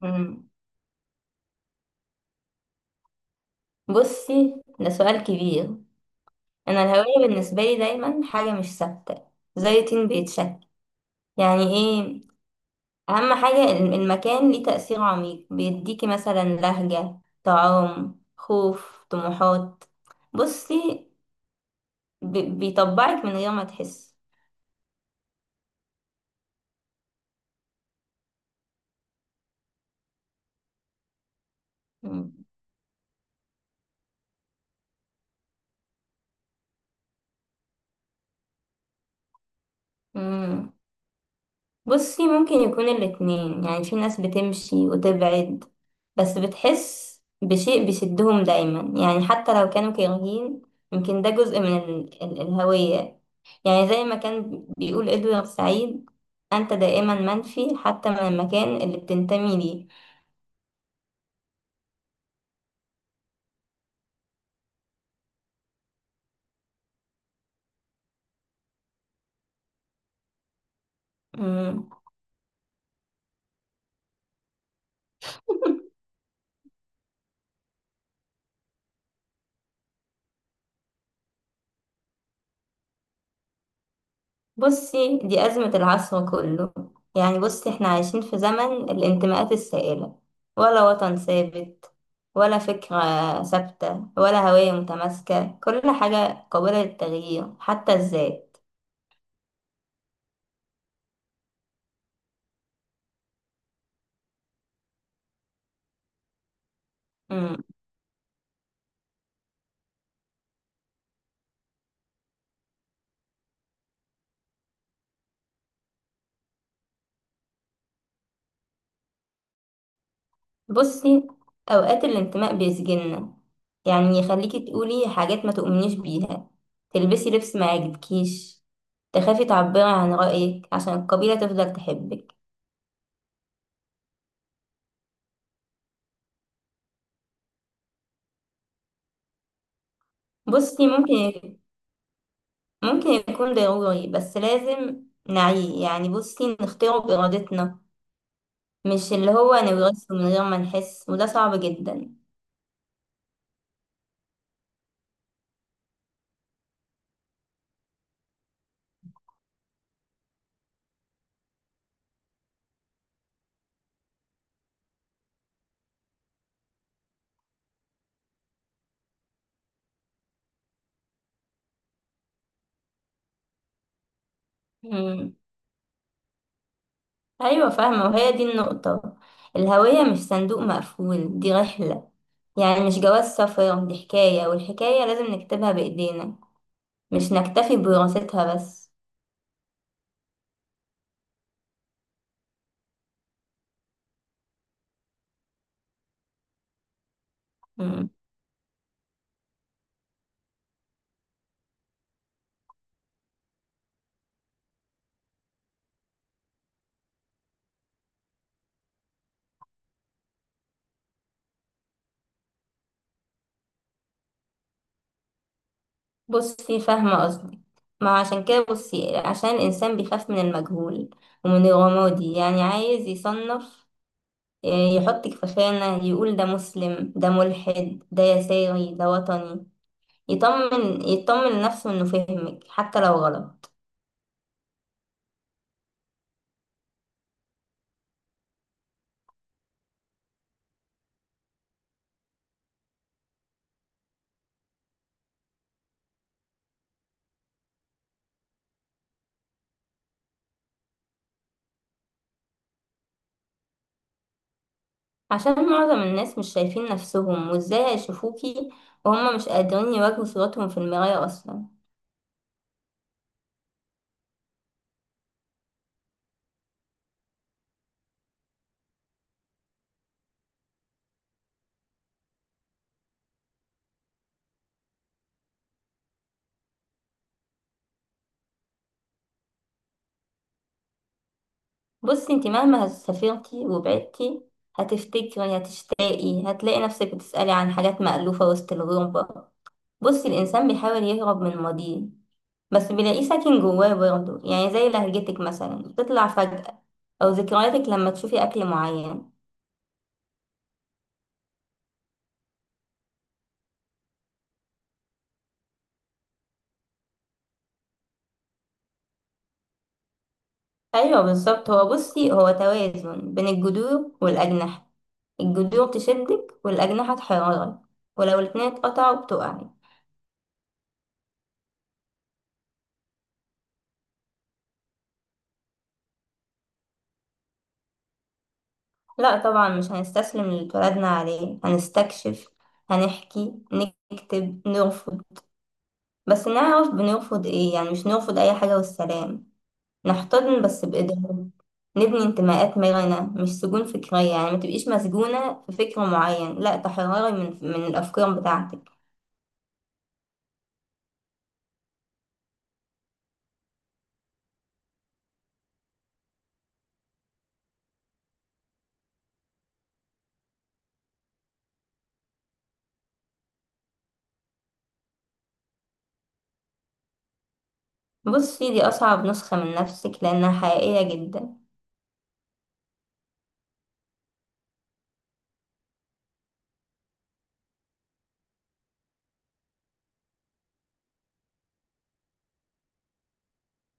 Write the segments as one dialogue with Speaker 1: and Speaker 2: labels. Speaker 1: مم. بصي ده سؤال كبير. انا الهوية بالنسبة لي دايما حاجة مش ثابتة، زي طين بيتشكل. يعني ايه؟ اهم حاجة المكان ليه تأثير عميق، بيديكي مثلا لهجة، طعام، خوف، طموحات. بصي، بيطبعك من غير ما تحس. مم. مم. بصي، ممكن يكون الاتنين. يعني في ناس بتمشي وتبعد، بس بتحس بشيء بيشدهم دايما، يعني حتى لو كانوا كارهين. يمكن ده جزء من ال الهوية. يعني زي ما كان بيقول إدوارد سعيد، أنت دائما منفي حتى من المكان اللي بتنتمي ليه. مم. بصي، دي أزمة العصر كله. يعني بصي، احنا عايشين في زمن الانتماءات السائلة. ولا وطن ثابت، ولا فكرة ثابتة، ولا هوية متماسكة. كل حاجة قابلة للتغيير حتى الذات. مم. بصي، أوقات الانتماء بيسجننا. يعني يخليكي تقولي حاجات ما تؤمنيش بيها، تلبسي لبس ما يعجبكيش، تخافي تعبري عن رأيك عشان القبيلة تفضل تحبك. بصي ممكن يكون ضروري، بس لازم نعيه. يعني بصي، نختاره بإرادتنا مش اللي هو نورثه من غير ما نحس، وده صعب جدا. مم. أيوة فاهمة، وهي دي النقطة. الهوية مش صندوق مقفول، دي رحلة. يعني مش جواز سفر، دي حكاية، والحكاية لازم نكتبها بإيدينا، مش نكتفي بوراثتها بس. مم. بصي فاهمة قصدي. ما عشان كده بصي، عشان الإنسان بيخاف من المجهول ومن الرمادي. يعني عايز يصنف، يحطك في خانة، يقول ده مسلم، ده ملحد، ده يساري، ده وطني. يطمن يطمن نفسه انه فهمك حتى لو غلط. عشان معظم الناس مش شايفين نفسهم، وازاي هيشوفوكي وهم مش قادرين يواجهوا صورتهم في المراية اصلا؟ بصي انت مهما سافرتي وبعدتي، هتفتكري، هتشتاقي، هتلاقي نفسك بتسألي عن حاجات مألوفة وسط الغربة. بصي الإنسان بيحاول يهرب من ماضيه، بس بيلاقيه ساكن جواه برضه. يعني زي لهجتك مثلا تطلع فجأة، أو ذكرياتك لما تشوفي أكل معين. أيوة بالظبط. هو بصي، هو توازن بين الجذور والأجنحة. الجذور تشدك والأجنحة تحيرك، ولو الاتنين اتقطعوا بتقعي. لا طبعا، مش هنستسلم للي اتولدنا عليه، هنستكشف، هنحكي، نكتب، نرفض. بس نعرف بنرفض ايه، يعني مش نرفض أي حاجة والسلام. نحتضن بس بإدراك، نبني انتماءات مرنة مش سجون فكرية. يعني ما تبقيش مسجونة في فكر معين، لا تحرري من الأفكار بتاعتك. بصي دي أصعب نسخة من نفسك لأنها حقيقية جدا.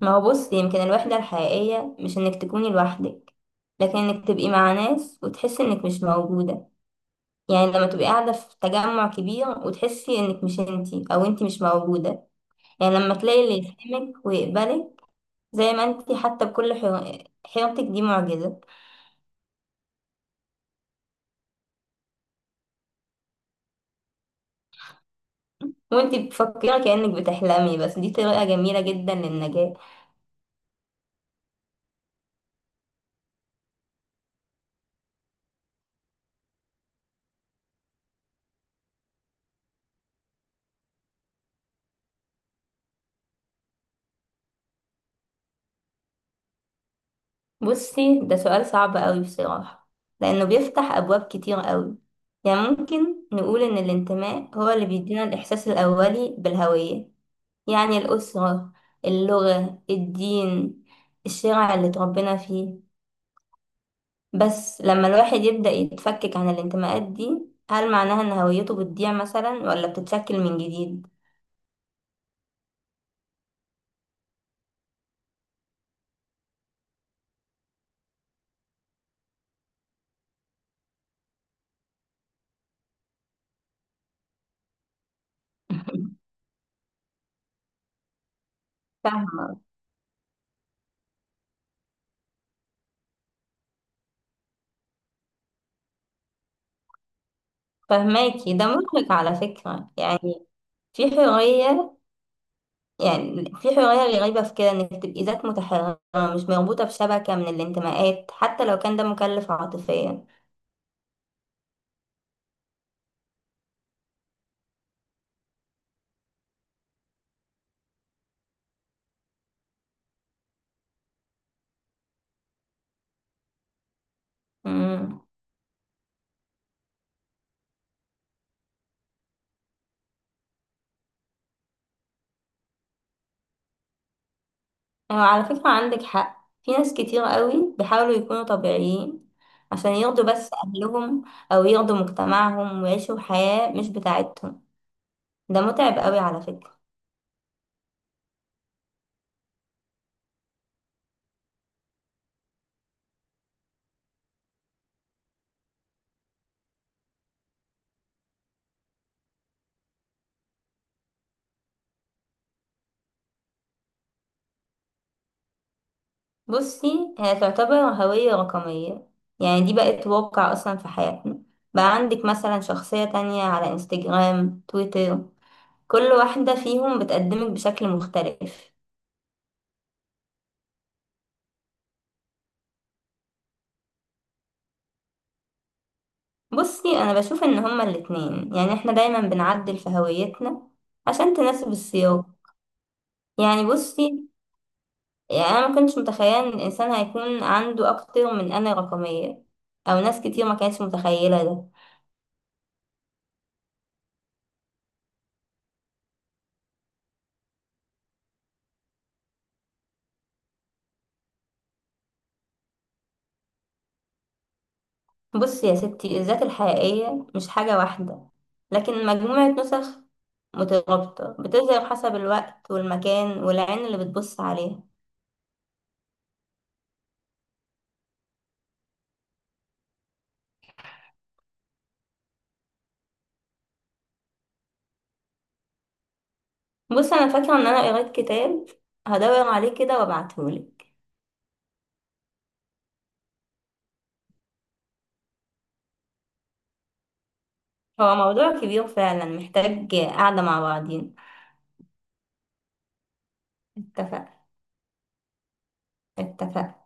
Speaker 1: ما هو بصي، يمكن الوحدة الحقيقية مش إنك تكوني لوحدك، لكن إنك تبقي مع ناس وتحسي إنك مش موجودة. يعني لما تبقي قاعدة في تجمع كبير وتحسي إنك مش إنتي، أو إنتي مش موجودة. يعني لما تلاقي اللي يفهمك ويقبلك، زي ما إنتي حتى بكل حيرتك، دي معجزة. وانتي بتفكري كأنك بتحلمي، بس دي طريقة جميلة جدا للنجاة. بصي ده سؤال صعب قوي بصراحة، لأنه بيفتح أبواب كتير قوي. يعني ممكن نقول إن الانتماء هو اللي بيدينا الإحساس الأولي بالهوية. يعني الأسرة، اللغة، الدين، الشارع اللي اتربينا فيه. بس لما الواحد يبدأ يتفكك عن الانتماءات دي، هل معناها إن هويته بتضيع مثلا ولا بتتشكل من جديد؟ فاهمة. فهماكي ده مرهق على فكرة، يعني في حرية. يعني في حرية غريبة في كده، انك تبقي ذات متحررة مش مربوطة بشبكة من الانتماءات، حتى لو كان ده مكلف عاطفيا. امم هو على فكرة عندك حق. في ناس كتير قوي بيحاولوا يكونوا طبيعيين عشان يرضوا بس أهلهم، أو يرضوا مجتمعهم ويعيشوا حياة مش بتاعتهم. ده متعب قوي على فكرة. بصي هي تعتبر هوية رقمية. يعني دي بقت واقع أصلا في حياتنا. بقى عندك مثلا شخصية تانية على انستجرام، تويتر، كل واحدة فيهم بتقدمك بشكل مختلف. بصي أنا بشوف إن هما الاتنين، يعني احنا دايما بنعدل في هويتنا عشان تناسب السياق. يعني بصي. يعني أنا ما كنتش متخيلة إن الإنسان هيكون عنده أكتر من أنا رقمية، أو ناس كتير ما كانتش متخيلة ده. بص يا ستي، الذات الحقيقية مش حاجة واحدة، لكن مجموعة نسخ مترابطة بتظهر حسب الوقت والمكان والعين اللي بتبص عليها. بص، أنا فاكرة إن أنا قريت كتاب، هدور عليه كده وأبعتهولك. هو موضوع كبير فعلا، محتاج قعدة مع بعضين. اتفق. اتفق.